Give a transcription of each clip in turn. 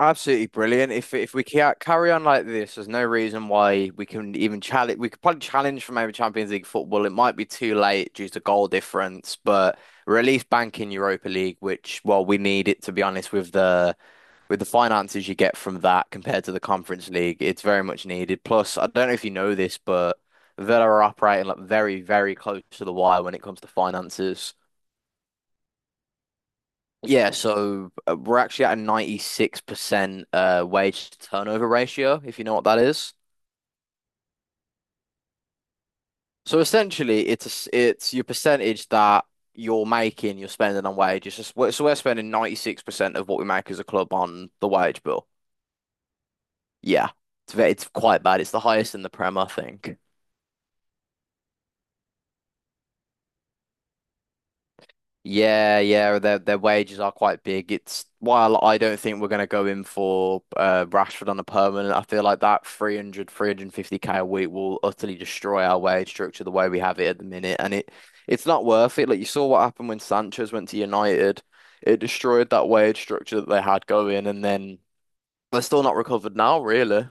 Absolutely brilliant. If we carry on like this, there's no reason why we can even challenge. We could probably challenge for maybe Champions League football. It might be too late due to goal difference, but we're at least banking Europa League, which, well, we need it, to be honest, with the finances you get from that compared to the Conference League. It's very much needed. Plus, I don't know if you know this, but Villa are operating, like, very, very close to the wire when it comes to finances. Yeah, so we're actually at a 96% wage to turnover ratio, if you know what that is. So essentially, it's a s it's your percentage that you're making, you're spending on wages. So we're spending 96% of what we make as a club on the wage bill. Yeah, it's quite bad. It's the highest in the Prem, I think. Yeah, yeah, their wages are quite big. It's while I don't think we're going to go in for Rashford on a permanent. I feel like that 300, 350 k a week will utterly destroy our wage structure the way we have it at the minute, and it's not worth it. Like you saw what happened when Sanchez went to United, it destroyed that wage structure that they had going, and then they're still not recovered now, really.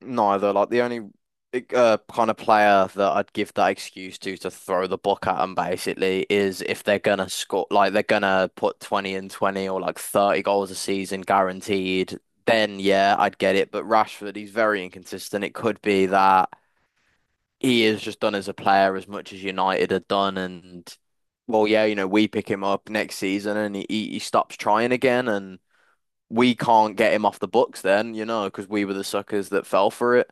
Neither. Like the only kind of player that I'd give that excuse to throw the book at them basically is if they're gonna score, like they're gonna put 20 and 20 or like 30 goals a season guaranteed, then yeah, I'd get it. But Rashford, he's very inconsistent. It could be that he is just done as a player as much as United had done and. Well, yeah, you know, we pick him up next season and he stops trying again, and we can't get him off the books then, you know, because we were the suckers that fell for it.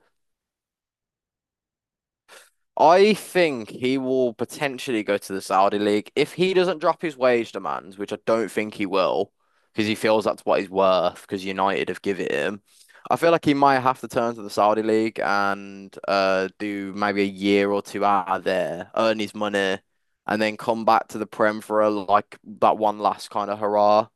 I think he will potentially go to the Saudi League if he doesn't drop his wage demands, which I don't think he will, because he feels that's what he's worth. Because United have given it him. I feel like he might have to turn to the Saudi League and do maybe a year or two out of there, earn his money, and then come back to the Prem for a, like, that one last kind of hurrah.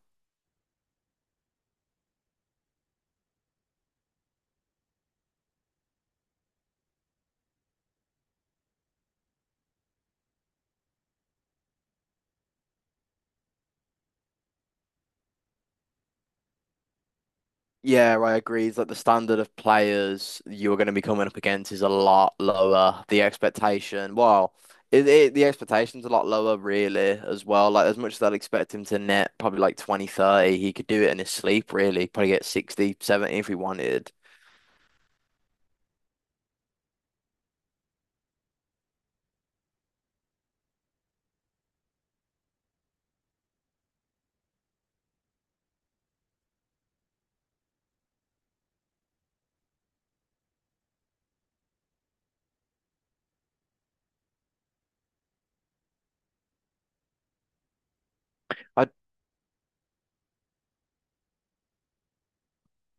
Yeah, I agree. It's like the standard of players you're going to be coming up against is a lot lower. The expectation, well, the expectation's a lot lower, really, as well. Like, as much as I'd expect him to net probably like 20, 30, he could do it in his sleep, really. Probably get 60, 70 if he wanted. I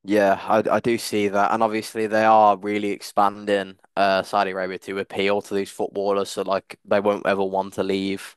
yeah, I do see that, and obviously they are really expanding Saudi Arabia to appeal to these footballers, so like they won't ever want to leave.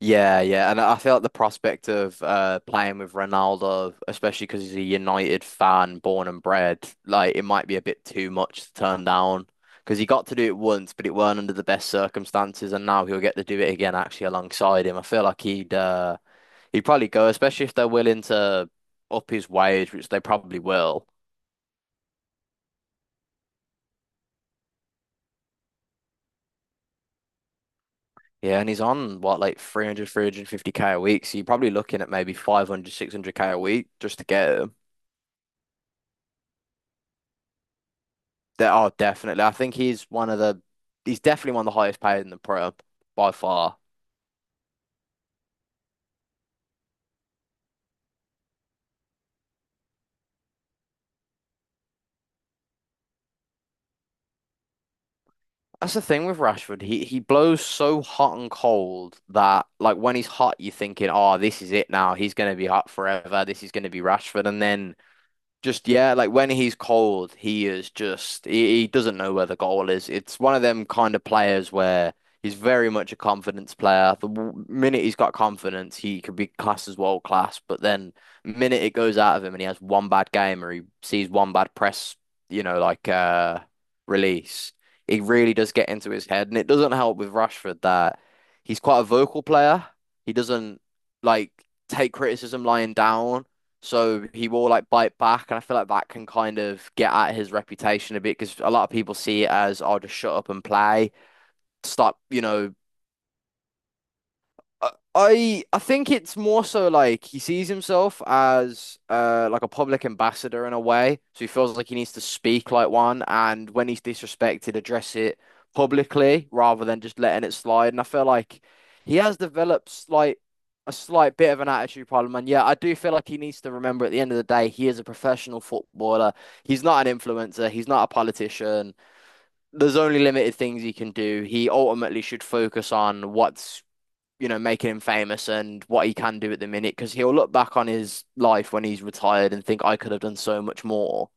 Yeah, yeah, and I feel like the prospect of playing with Ronaldo, especially because he's a United fan, born and bred, like it might be a bit too much to turn down. Because he got to do it once, but it weren't under the best circumstances, and now he'll get to do it again actually alongside him. I feel like he'd probably go, especially if they're willing to up his wage, which they probably will. Yeah, and he's on what, like, 300, 350 k a week, so you're probably looking at maybe 500, 600 k a week just to get him. There are definitely. I think he's definitely one of the highest paid in the Prem by far. That's the thing with Rashford. He blows so hot and cold that, like, when he's hot, you're thinking, oh, this is it now. He's gonna be hot forever. This is gonna be Rashford, and then just, yeah, like when he's cold, he is just he doesn't know where the goal is. It's one of them kind of players where he's very much a confidence player. The minute he's got confidence, he could be classed as world class. But then minute it goes out of him and he has one bad game or he sees one bad press, you know, like release, it really does get into his head. And it doesn't help with Rashford that he's quite a vocal player. He doesn't, like, take criticism lying down, so he will, like, bite back, and I feel like that can kind of get at his reputation a bit because a lot of people see it as, oh, just shut up and play, stop, you know. I think it's more so like he sees himself as like a public ambassador in a way, so he feels like he needs to speak like one, and when he's disrespected, address it publicly rather than just letting it slide. And I feel like he has developed slight a slight bit of an attitude problem, and yeah, I do feel like he needs to remember at the end of the day, he is a professional footballer. He's not an influencer. He's not a politician. There's only limited things he can do. He ultimately should focus on what's, you know, making him famous and what he can do at the minute, because he'll look back on his life when he's retired and think I could have done so much more.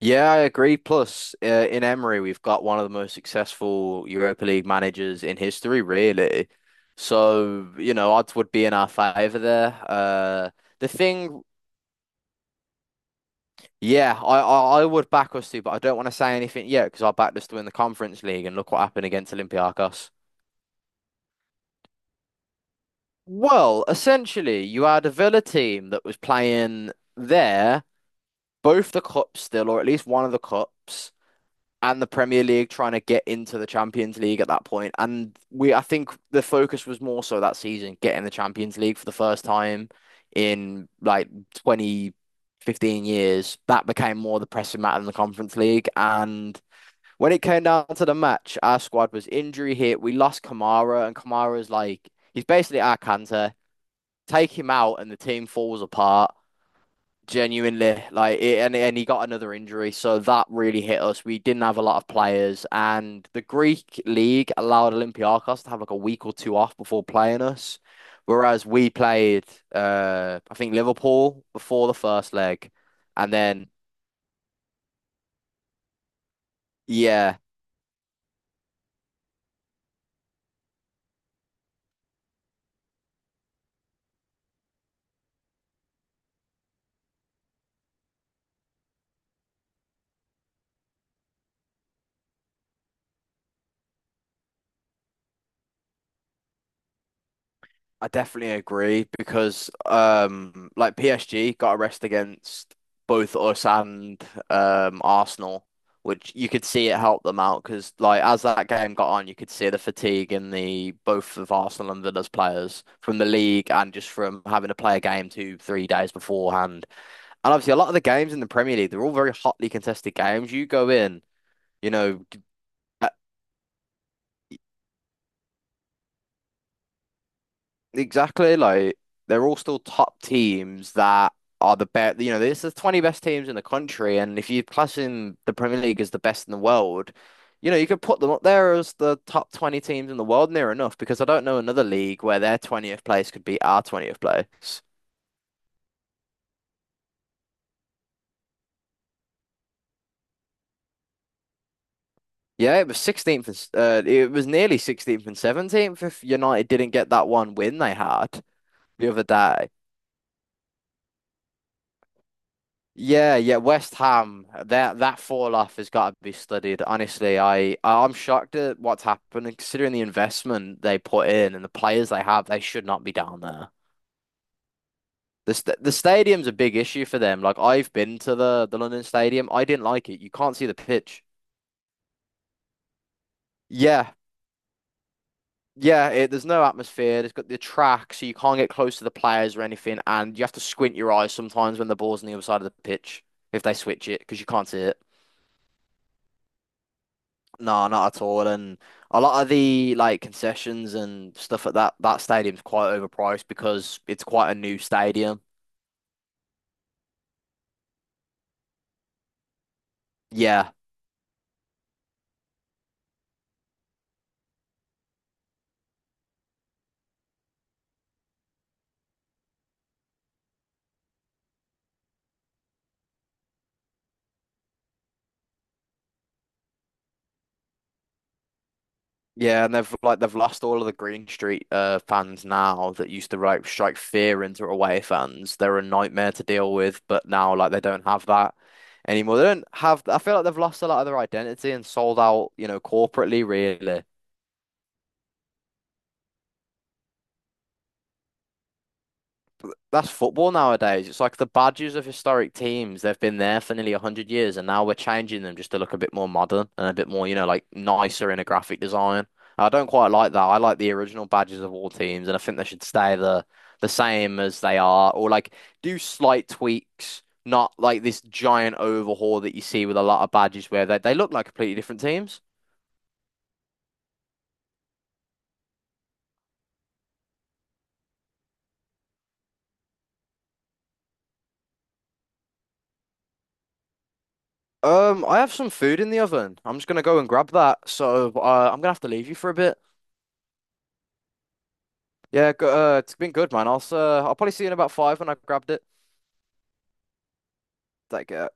Yeah, I agree. Plus, in Emery, we've got one of the most successful Europa League managers in history, really. So, you know, odds would be in our favor there. The thing, yeah, I would back us too, but I don't want to say anything yet because I backed us to win the Conference League and look what happened against Olympiacos. Well, essentially, you had a Villa team that was playing there both the cups still, or at least one of the cups, and the Premier League trying to get into the Champions League at that point. And I think the focus was more so that season, getting the Champions League for the first time in like 20 15 years. That became more the pressing matter than the Conference League. And when it came down to the match, our squad was injury hit. We lost Kamara, and Kamara's like, he's basically our Kante. Take him out, and the team falls apart. Genuinely, like, it, and he got another injury, so that really hit us. We didn't have a lot of players, and the Greek league allowed Olympiacos to have like a week or two off before playing us, whereas we played, I think, Liverpool before the first leg, and then yeah, I definitely agree because like PSG got a rest against both us and Arsenal, which you could see it helped them out because, like, as that game got on, you could see the fatigue in the both of Arsenal and Villa's players from the league and just from having to play a game 2, 3 days beforehand. And obviously a lot of the games in the Premier League, they're all very hotly contested games. You go in, you know, exactly, like they're all still top teams that are the best. You know, this is the 20 best teams in the country, and if you class in the Premier League as the best in the world, you know, you could put them up there as the top 20 teams in the world near enough because I don't know another league where their 20th place could be our 20th place. Yeah, it was nearly 16th and 17th if United didn't get that one win they had the other day. Yeah, yeah, West Ham, that fall off has got to be studied. Honestly, I'm shocked at what's happened and considering the investment they put in and the players they have, they should not be down there. The stadium's a big issue for them. Like I've been to the London Stadium, I didn't like it. You can't see the pitch. Yeah. Yeah, there's no atmosphere. It's got the track, so you can't get close to the players or anything, and you have to squint your eyes sometimes when the ball's on the other side of the pitch if they switch it because you can't see it. No, not at all. And a lot of the, like, concessions and stuff at that stadium's quite overpriced because it's quite a new stadium. Yeah. Yeah, and they've like they've lost all of the Green Street fans now that used to, like, strike fear into away fans. They're a nightmare to deal with, but now, like, they don't have that anymore. They don't have, I feel like they've lost a lot of their identity and sold out, you know, corporately really. That's football nowadays. It's like the badges of historic teams. They've been there for nearly 100 years, and now we're changing them just to look a bit more modern and a bit more, you know, like, nicer in a graphic design. I don't quite like that. I like the original badges of all teams, and I think they should stay the same as they are, or like do slight tweaks, not like this giant overhaul that you see with a lot of badges where they look like completely different teams. I have some food in the oven. I'm just gonna go and grab that. So, I'm gonna have to leave you for a bit. Yeah, go, it's been good, man. I'll probably see you in about five when I grabbed it. Like, uh,